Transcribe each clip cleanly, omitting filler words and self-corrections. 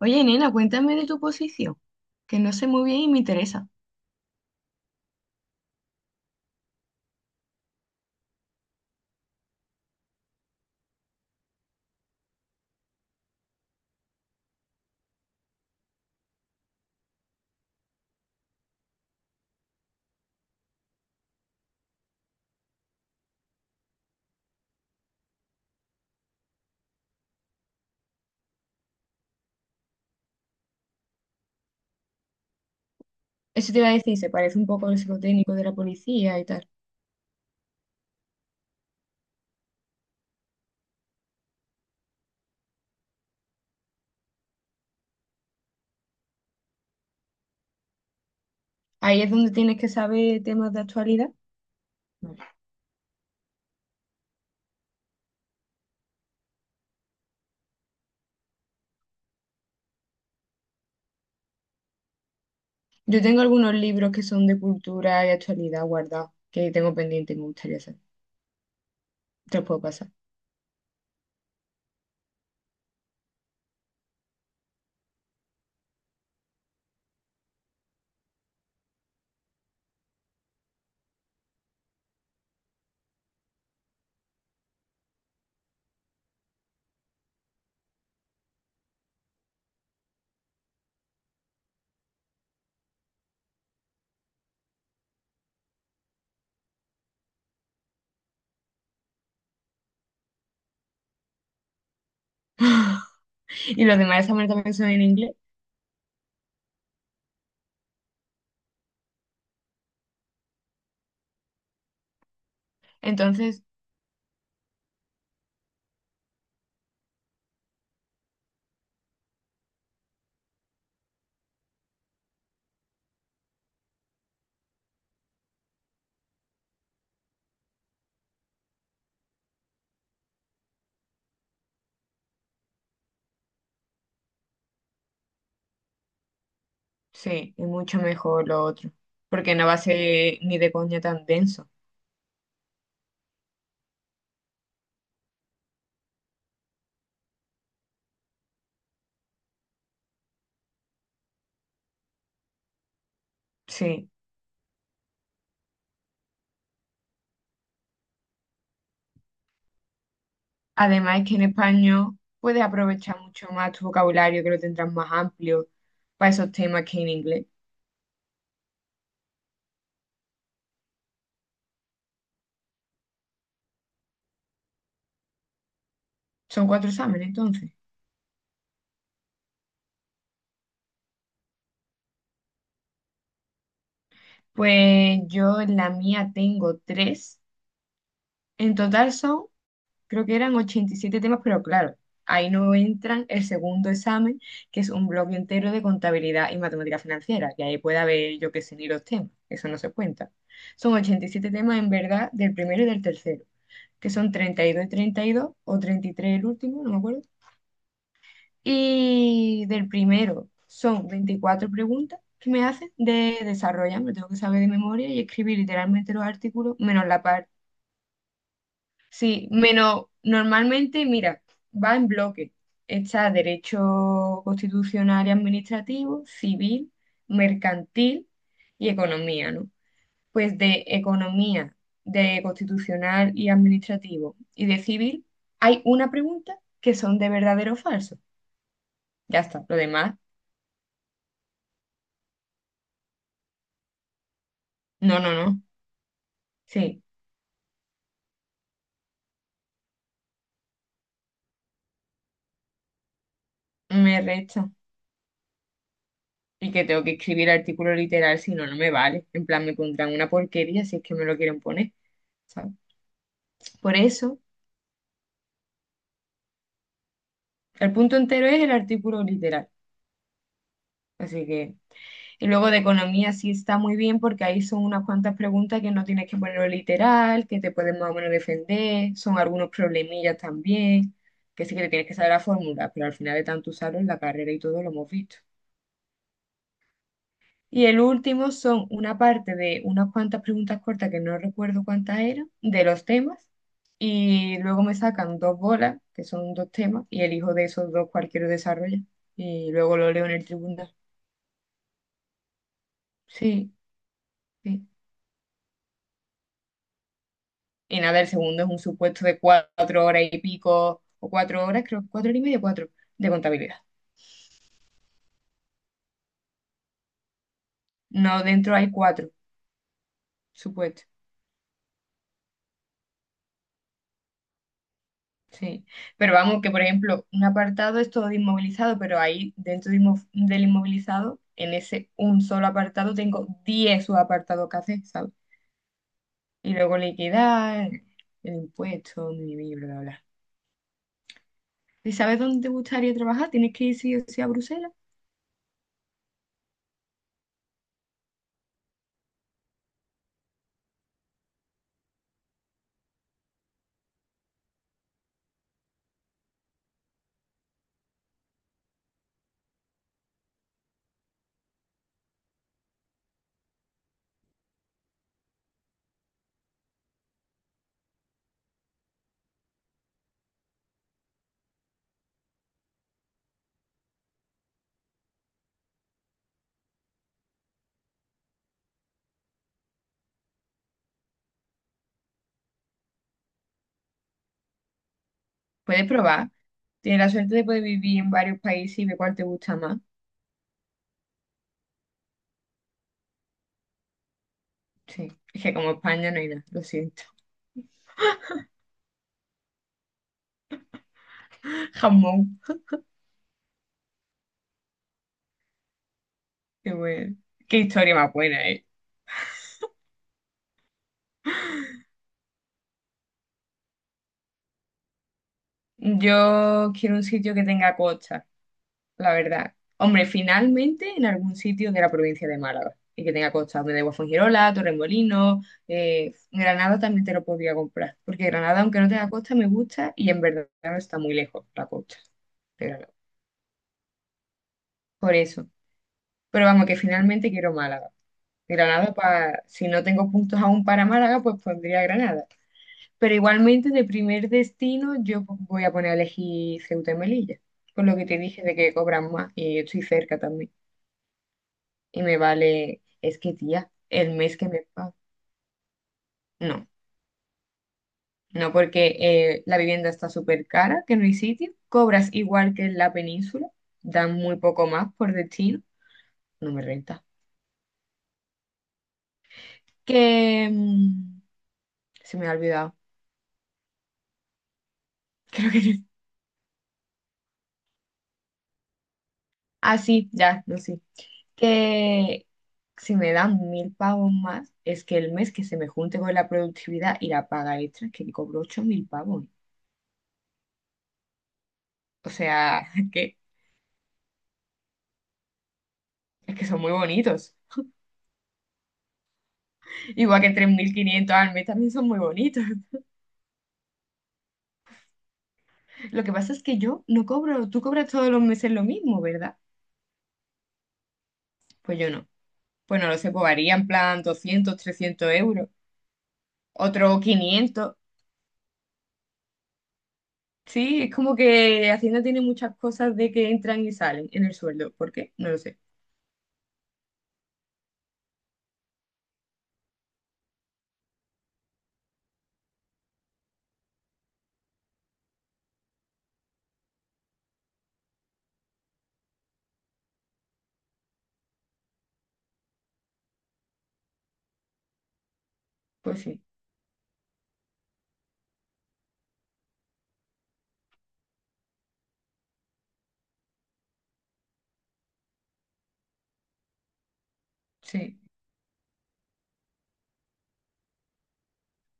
Oye, nena, cuéntame de tu posición, que no sé muy bien y me interesa. Eso te iba a decir, se parece un poco al psicotécnico de la policía y tal. Ahí es donde tienes que saber temas de actualidad. Yo tengo algunos libros que son de cultura y actualidad guardados, que tengo pendiente y me gustaría hacer. Te los puedo pasar. Y los demás exámenes también son en inglés. Entonces, sí, es mucho mejor lo otro, porque no va a ser ni de coña tan denso. Sí. Además es que en español puedes aprovechar mucho más tu vocabulario, que lo tendrás más amplio para esos temas que en inglés. Son cuatro exámenes, entonces. Pues yo en la mía tengo tres. En total son creo que eran 87 temas, pero claro, ahí no entran el segundo examen, que es un bloque entero de contabilidad y matemática financiera, y ahí puede haber, yo qué sé, ni los temas, eso no se cuenta. Son 87 temas en verdad del primero y del tercero, que son 32 y 32, o 33 el último, no me acuerdo. Y del primero son 24 preguntas que me hacen de desarrollar, me tengo que saber de memoria y escribir literalmente los artículos, menos la parte. Sí, menos normalmente, mira, va en bloque. Está derecho constitucional y administrativo, civil, mercantil y economía, ¿no? Pues de economía, de constitucional y administrativo y de civil, hay una pregunta que son de verdadero o falso. Ya está, lo demás, no, no, no. Sí, me resta. Y que tengo que escribir artículo literal, si no, no me vale. En plan, me pondrán una porquería si es que me lo quieren poner. ¿Sabes? Por eso. El punto entero es el artículo literal. Así que, y luego de economía sí está muy bien porque ahí son unas cuantas preguntas que no tienes que ponerlo literal, que te pueden más o menos defender, son algunos problemillas también, que sí que te tienes que saber la fórmula, pero al final de tanto usarlo en la carrera y todo lo hemos visto. Y el último son una parte de unas cuantas preguntas cortas que no recuerdo cuántas eran, de los temas, y luego me sacan dos bolas, que son dos temas, y elijo de esos dos cualquier desarrollo, y luego lo leo en el tribunal. Sí, sí. Y nada, el segundo es un supuesto de 4 horas y pico, o 4 horas, creo, 4 horas y media, cuatro, de contabilidad. No, dentro hay cuatro supuestos, sí. Pero vamos, que por ejemplo, un apartado es todo de inmovilizado, pero ahí dentro de del inmovilizado, en ese un solo apartado, tengo 10 subapartados que hacer, ¿sabes? Y luego liquidar, el impuesto, mi, bla, bla, bla. ¿Y sabes dónde te gustaría trabajar? ¿Tienes que ir sí o sí a Bruselas? Puedes probar. Tienes la suerte de poder vivir en varios países y ver cuál te gusta más. Sí, es que como España no hay nada, lo siento. Jamón, qué bueno. Qué historia más buena, ¿eh? Yo quiero un sitio que tenga costa, la verdad. Hombre, finalmente en algún sitio de la provincia de Málaga y que tenga costa, donde de Guafongirola, Torremolinos, Granada también te lo podría comprar, porque Granada, aunque no tenga costa, me gusta y en verdad no está muy lejos la costa de Granada. Por eso. Pero vamos, que finalmente quiero Málaga. Granada, pa- si no tengo puntos aún para Málaga, pues pondría Granada. Pero igualmente de primer destino yo voy a poner a elegir Ceuta y Melilla, por lo que te dije de que cobran más y yo estoy cerca también. Y me vale, es que tía, el mes que me pagan. No, no porque la vivienda está súper cara, que no hay sitio, cobras igual que en la península, dan muy poco más por destino, no me renta. Que se me ha olvidado, creo que no. Ah, sí, ya, no sé. Que si me dan 1.000 pavos más, es que el mes que se me junte con la productividad y la paga extra, es que cobro 8.000 pavos. O sea, que, es que son muy bonitos. Igual que 3.500 al mes también son muy bonitos. Lo que pasa es que yo no cobro, tú cobras todos los meses lo mismo, ¿verdad? Pues yo no. Pues no lo sé, pues varía en plan 200, 300 euros, otro 500. Sí, es como que Hacienda tiene muchas cosas de que entran y salen en el sueldo. ¿Por qué? No lo sé. Pues sí, sí.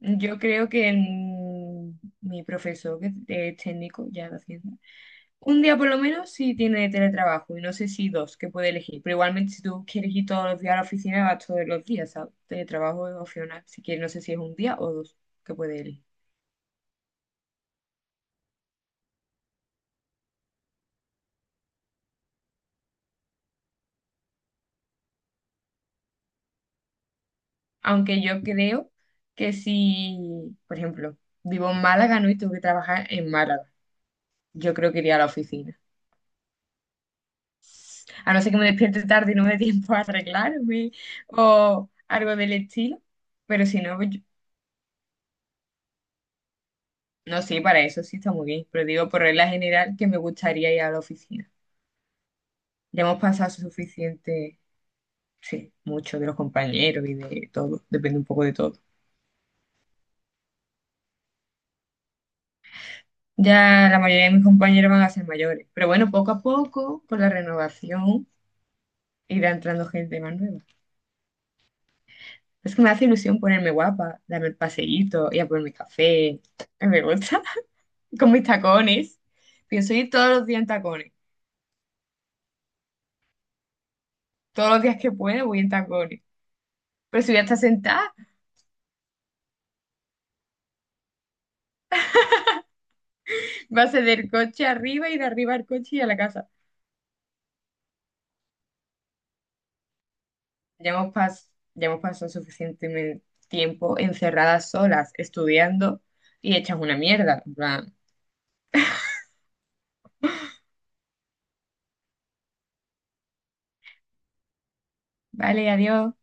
Yo creo que mi profesor, que es técnico ya de Hacienda, un día por lo menos sí tiene teletrabajo y no sé si dos que puede elegir, pero igualmente si tú quieres ir todos los días a la oficina, vas todos los días, ¿sabes? Teletrabajo es opcional, si quieres, no sé si es un día o dos que puede elegir. Aunque yo creo que si, por ejemplo, vivo en Málaga, ¿no? Y tengo que trabajar en Málaga, yo creo que iría a la oficina. A no ser que me despierte tarde y no me dé tiempo a arreglarme o algo del estilo. Pero si no, no, sí, para eso sí está muy bien, pero digo por regla general que me gustaría ir a la oficina. Ya hemos pasado suficiente, sí, mucho de los compañeros y de todo, depende un poco de todo. Ya la mayoría de mis compañeros van a ser mayores, pero bueno, poco a poco, con la renovación, irá entrando gente más nueva. Es que me hace ilusión ponerme guapa, darme el paseíto, ir a por mi café, a mí me gusta, con mis tacones. Pienso ir todos los días en tacones, todos los días que pueda voy en tacones, pero si voy a estar sentada. Va a Base del coche arriba y de arriba al coche y a la casa. Ya hemos, pas- ya hemos pasado suficiente tiempo encerradas solas, estudiando, y hechas una mierda. En plan, vale, adiós.